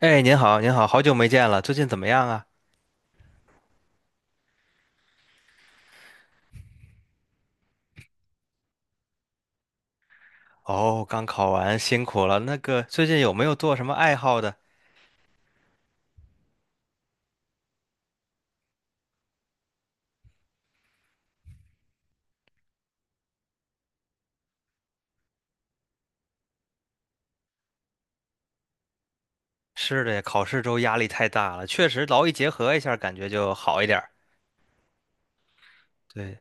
哎，您好，您好，好久没见了，最近怎么样啊？哦，刚考完，辛苦了。那个，最近有没有做什么爱好的？是的呀，考试周压力太大了，确实劳逸结合一下，感觉就好一点儿。对，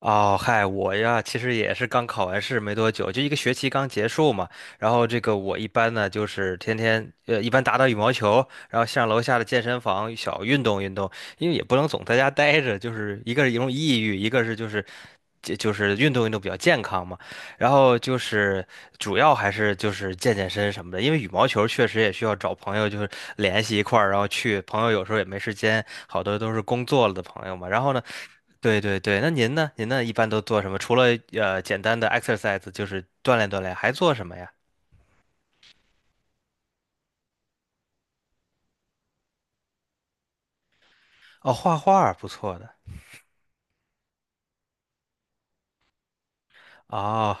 哦，嗨，我呀，其实也是刚考完试没多久，就一个学期刚结束嘛。然后这个我一般呢，就是天天一般打打羽毛球，然后上楼下的健身房小运动运动，因为也不能总在家待着，就是一个是容易抑郁，一个是就是运动运动比较健康嘛。然后就是主要还是就是健健身什么的，因为羽毛球确实也需要找朋友就是联系一块儿，然后去。朋友有时候也没时间，好多都是工作了的朋友嘛。然后呢，对对对，那您呢？您呢一般都做什么？除了简单的 exercise，就是锻炼锻炼，还做什么呀？哦，画画不错的。哦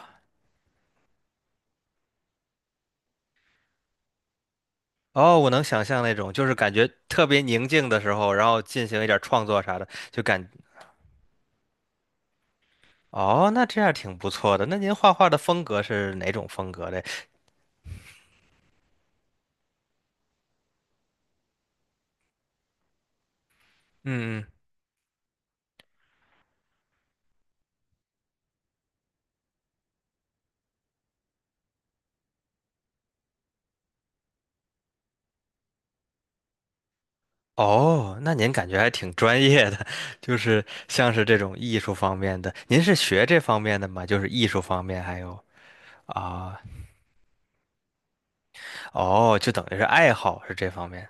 哦，我能想象那种，就是感觉特别宁静的时候，然后进行一点创作啥的，就感哦，那这样挺不错的。那您画画的风格是哪种风格的？嗯，哦，那您感觉还挺专业的，就是像是这种艺术方面的。您是学这方面的吗？就是艺术方面还有啊。哦，就等于是爱好是这方面。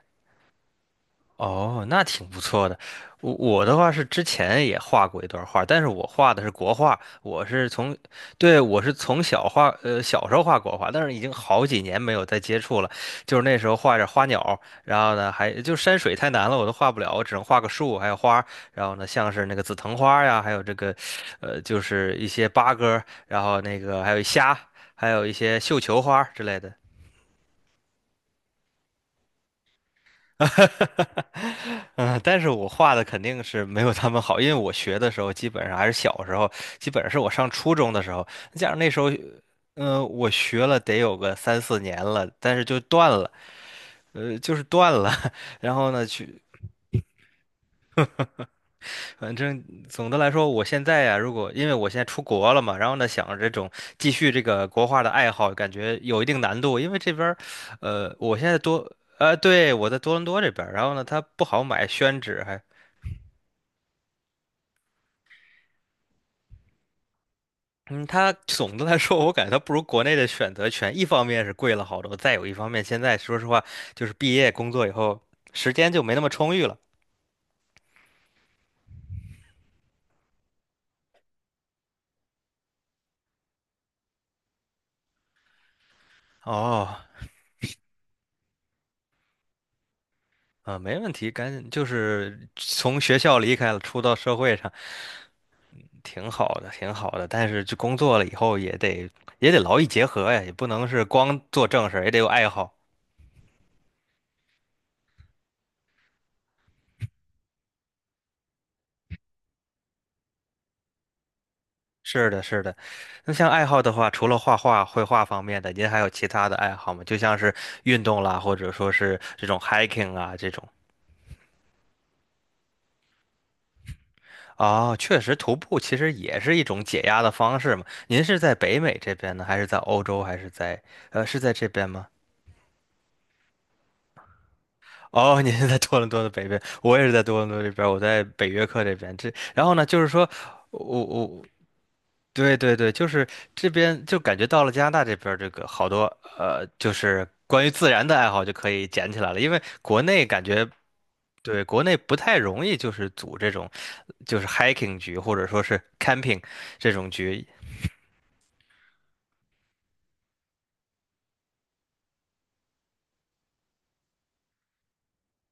哦，那挺不错的。我的话是之前也画过一段画，但是我画的是国画，我是从，对，我是从小画，小时候画国画，但是已经好几年没有再接触了。就是那时候画点花鸟，然后呢，还就山水太难了，我都画不了，我只能画个树，还有花儿然后呢，像是那个紫藤花呀，还有这个，就是一些八哥儿然后那个还有虾，还有一些绣球花儿之类的。嗯，但是我画的肯定是没有他们好，因为我学的时候基本上还是小时候，基本上是我上初中的时候，加上那时候，嗯、我学了得有个三四年了，但是就断了，就是断了。然后呢，去，反正总的来说，我现在呀、如果因为我现在出国了嘛，然后呢，想着这种继续这个国画的爱好，感觉有一定难度，因为这边儿我现在多。对，我在多伦多这边儿然后呢，它不好买宣纸，还。嗯，它总的来说，我感觉它不如国内的选择权。一方面是贵了好多，再有一方面，现在说实话，就是毕业工作以后，时间就没那么充裕了。哦，啊，没问题，赶紧就是从学校离开了，出到社会上，挺好的，挺好的。但是就工作了以后，也得劳逸结合呀，也不能是光做正事儿，也得有爱好。是的，是的。那像爱好的话，除了画画、绘画方面的，您还有其他的爱好吗？就像是运动啦，或者说是这种 hiking 啊这种。哦，确实，徒步其实也是一种解压的方式嘛。您是在北美这边呢，还是在欧洲，还是在是在这边吗？哦，您是在多伦多的北边，我也是在多伦多这边，我在北约克这边。这然后呢，就是说我对对对，就是这边就感觉到了加拿大这边儿这个好多就是关于自然的爱好就可以捡起来了，因为国内感觉对国内不太容易，就是组这种就是 hiking 局或者说是 camping 这种局。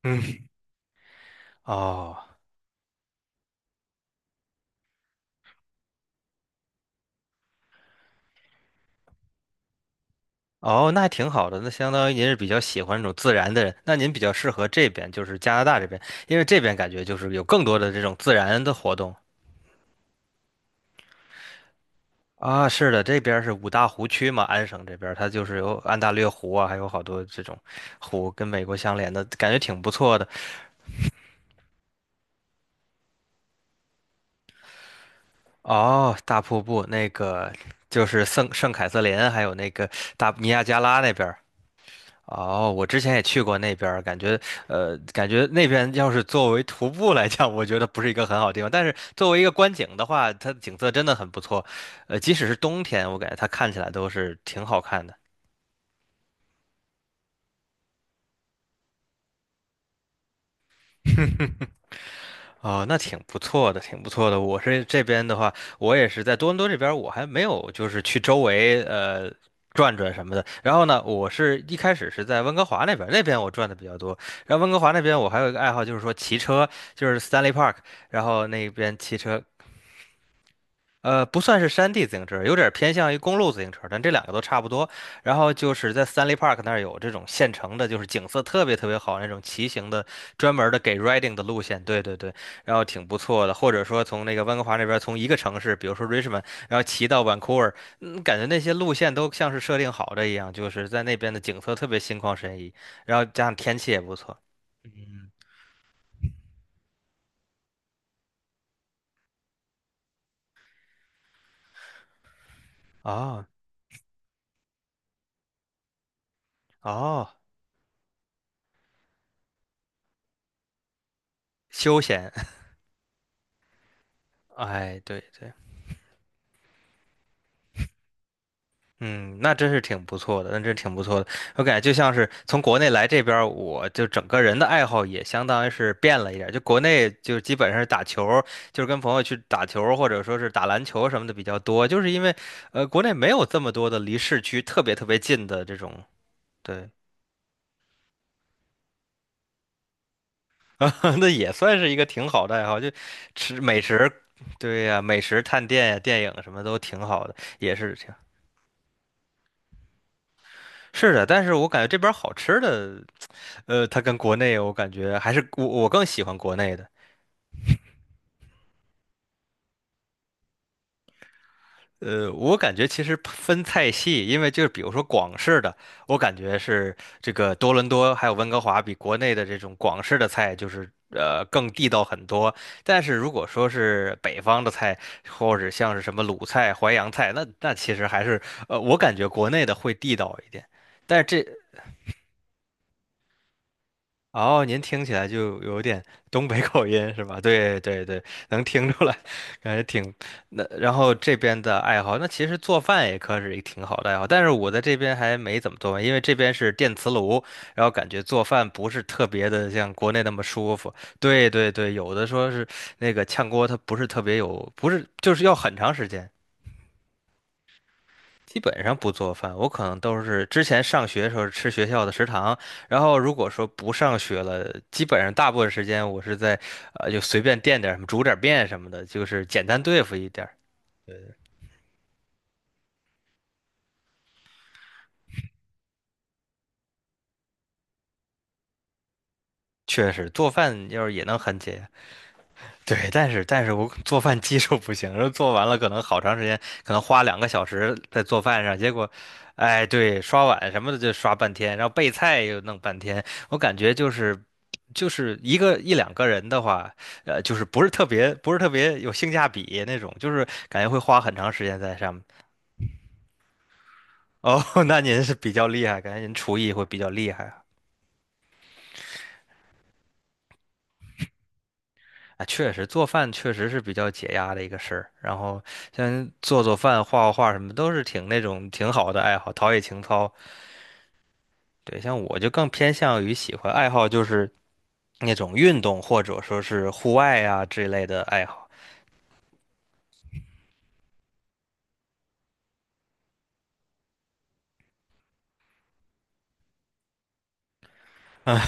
嗯，哦哦，那还挺好的，那相当于您是比较喜欢这种自然的人，那您比较适合这边，就是加拿大这边，因为这边感觉就是有更多的这种自然的活动。啊，是的，这边儿是五大湖区嘛，安省这边儿它就是有安大略湖啊，还有好多这种湖跟美国相连的，感觉挺不错的。哦，大瀑布那个就是圣凯瑟琳，还有那个大尼亚加拉那边儿哦，我之前也去过那边儿感觉感觉那边要是作为徒步来讲，我觉得不是一个很好地方。但是作为一个观景的话，它的景色真的很不错。即使是冬天，我感觉它看起来都是挺好看的。哦，那挺不错的，挺不错的。我是这边的话，我也是在多伦多这边，我还没有就是去周围转转什么的。然后呢，我是一开始是在温哥华那边，那边我转的比较多。然后温哥华那边我还有一个爱好，就是说骑车，就是 Stanley Park，然后那边骑车不算是山地自行车，有点偏向于公路自行车，但这两个都差不多。然后就是在 Stanley Park 那儿有这种现成的，就是景色特别特别好那种骑行的，专门的给 riding 的路线。对对对，然后挺不错的。或者说从那个温哥华那边，从一个城市，比如说 Richmond，然后骑到 Vancouver，嗯感觉那些路线都像是设定好的一样，就是在那边的景色特别心旷神怡，然后加上天气也不错。嗯，哦哦，休闲，哎，对对。嗯，那真是挺不错的，那真是挺不错的。我感觉就像是从国内来这边儿我就整个人的爱好也相当于是变了一点儿就国内就基本上是打球儿就是跟朋友去打球儿或者说是打篮球什么的比较多，就是因为国内没有这么多的离市区特别特别近的这种，对，那也算是一个挺好的爱好，就吃美食。对呀，美食探店呀，电影什么都挺好的，也是挺是的。但是我感觉这边儿好吃的。它跟国内我感觉还是我更喜欢国内的。我感觉其实分菜系，因为就是比如说广式的，我感觉是这个多伦多还有温哥华比国内的这种广式的菜就是更地道很多。但是如果说是北方的菜，或者像是什么鲁菜、淮扬菜，那其实还是我感觉国内的会地道一点。但是这哦，您听起来就有点东北口音是吧？对对对，能听出来，感觉挺那。然后这边的爱好，那其实做饭也可是一个挺好的爱好，但是我在这边还没怎么做饭，因为这边是电磁炉，然后感觉做饭不是特别的像国内那么舒服。对对对，有的说是那个炝锅，它不是特别有，不是就是要很长时间。基本上不做饭，我可能都是之前上学的时候吃学校的食堂，然后如果说不上学了，基本上大部分时间我是在，就随便垫点儿什么，煮点儿面什么的，就是简单对付一点儿。确实，做饭要是也能很解压。对，但是我做饭技术不行，然后做完了可能好长时间，可能花两个小时在做饭上，结果，哎，对，刷碗什么的就刷半天，然后备菜又弄半天，我感觉就是就是一个一两个人的话，就是不是特别有性价比那种，就是感觉会花很长时间在上面。哦，那您是比较厉害，感觉您厨艺会比较厉害。啊，确实做饭确实是比较解压的一个事儿。然后像做饭、画画什么，都是挺那种挺好的爱好，陶冶情操。对，像我就更偏向于喜欢爱好就是那种运动或者说是户外啊这类的爱好。嗯，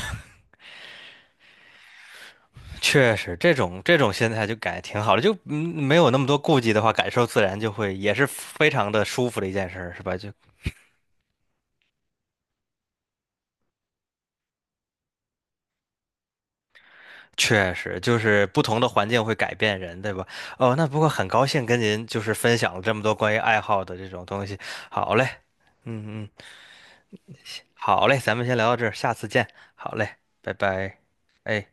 确实这种这种心态就感觉挺好的，就嗯没有那么多顾忌的话，感受自然就会也是非常的舒服的一件事儿，是吧？就确实，就是不同的环境会改变人，对吧？哦，那不过很高兴跟您就是分享了这么多关于爱好的这种东西。好嘞，嗯嗯，好嘞，咱们先聊到这儿，下次见。好嘞，拜拜。哎。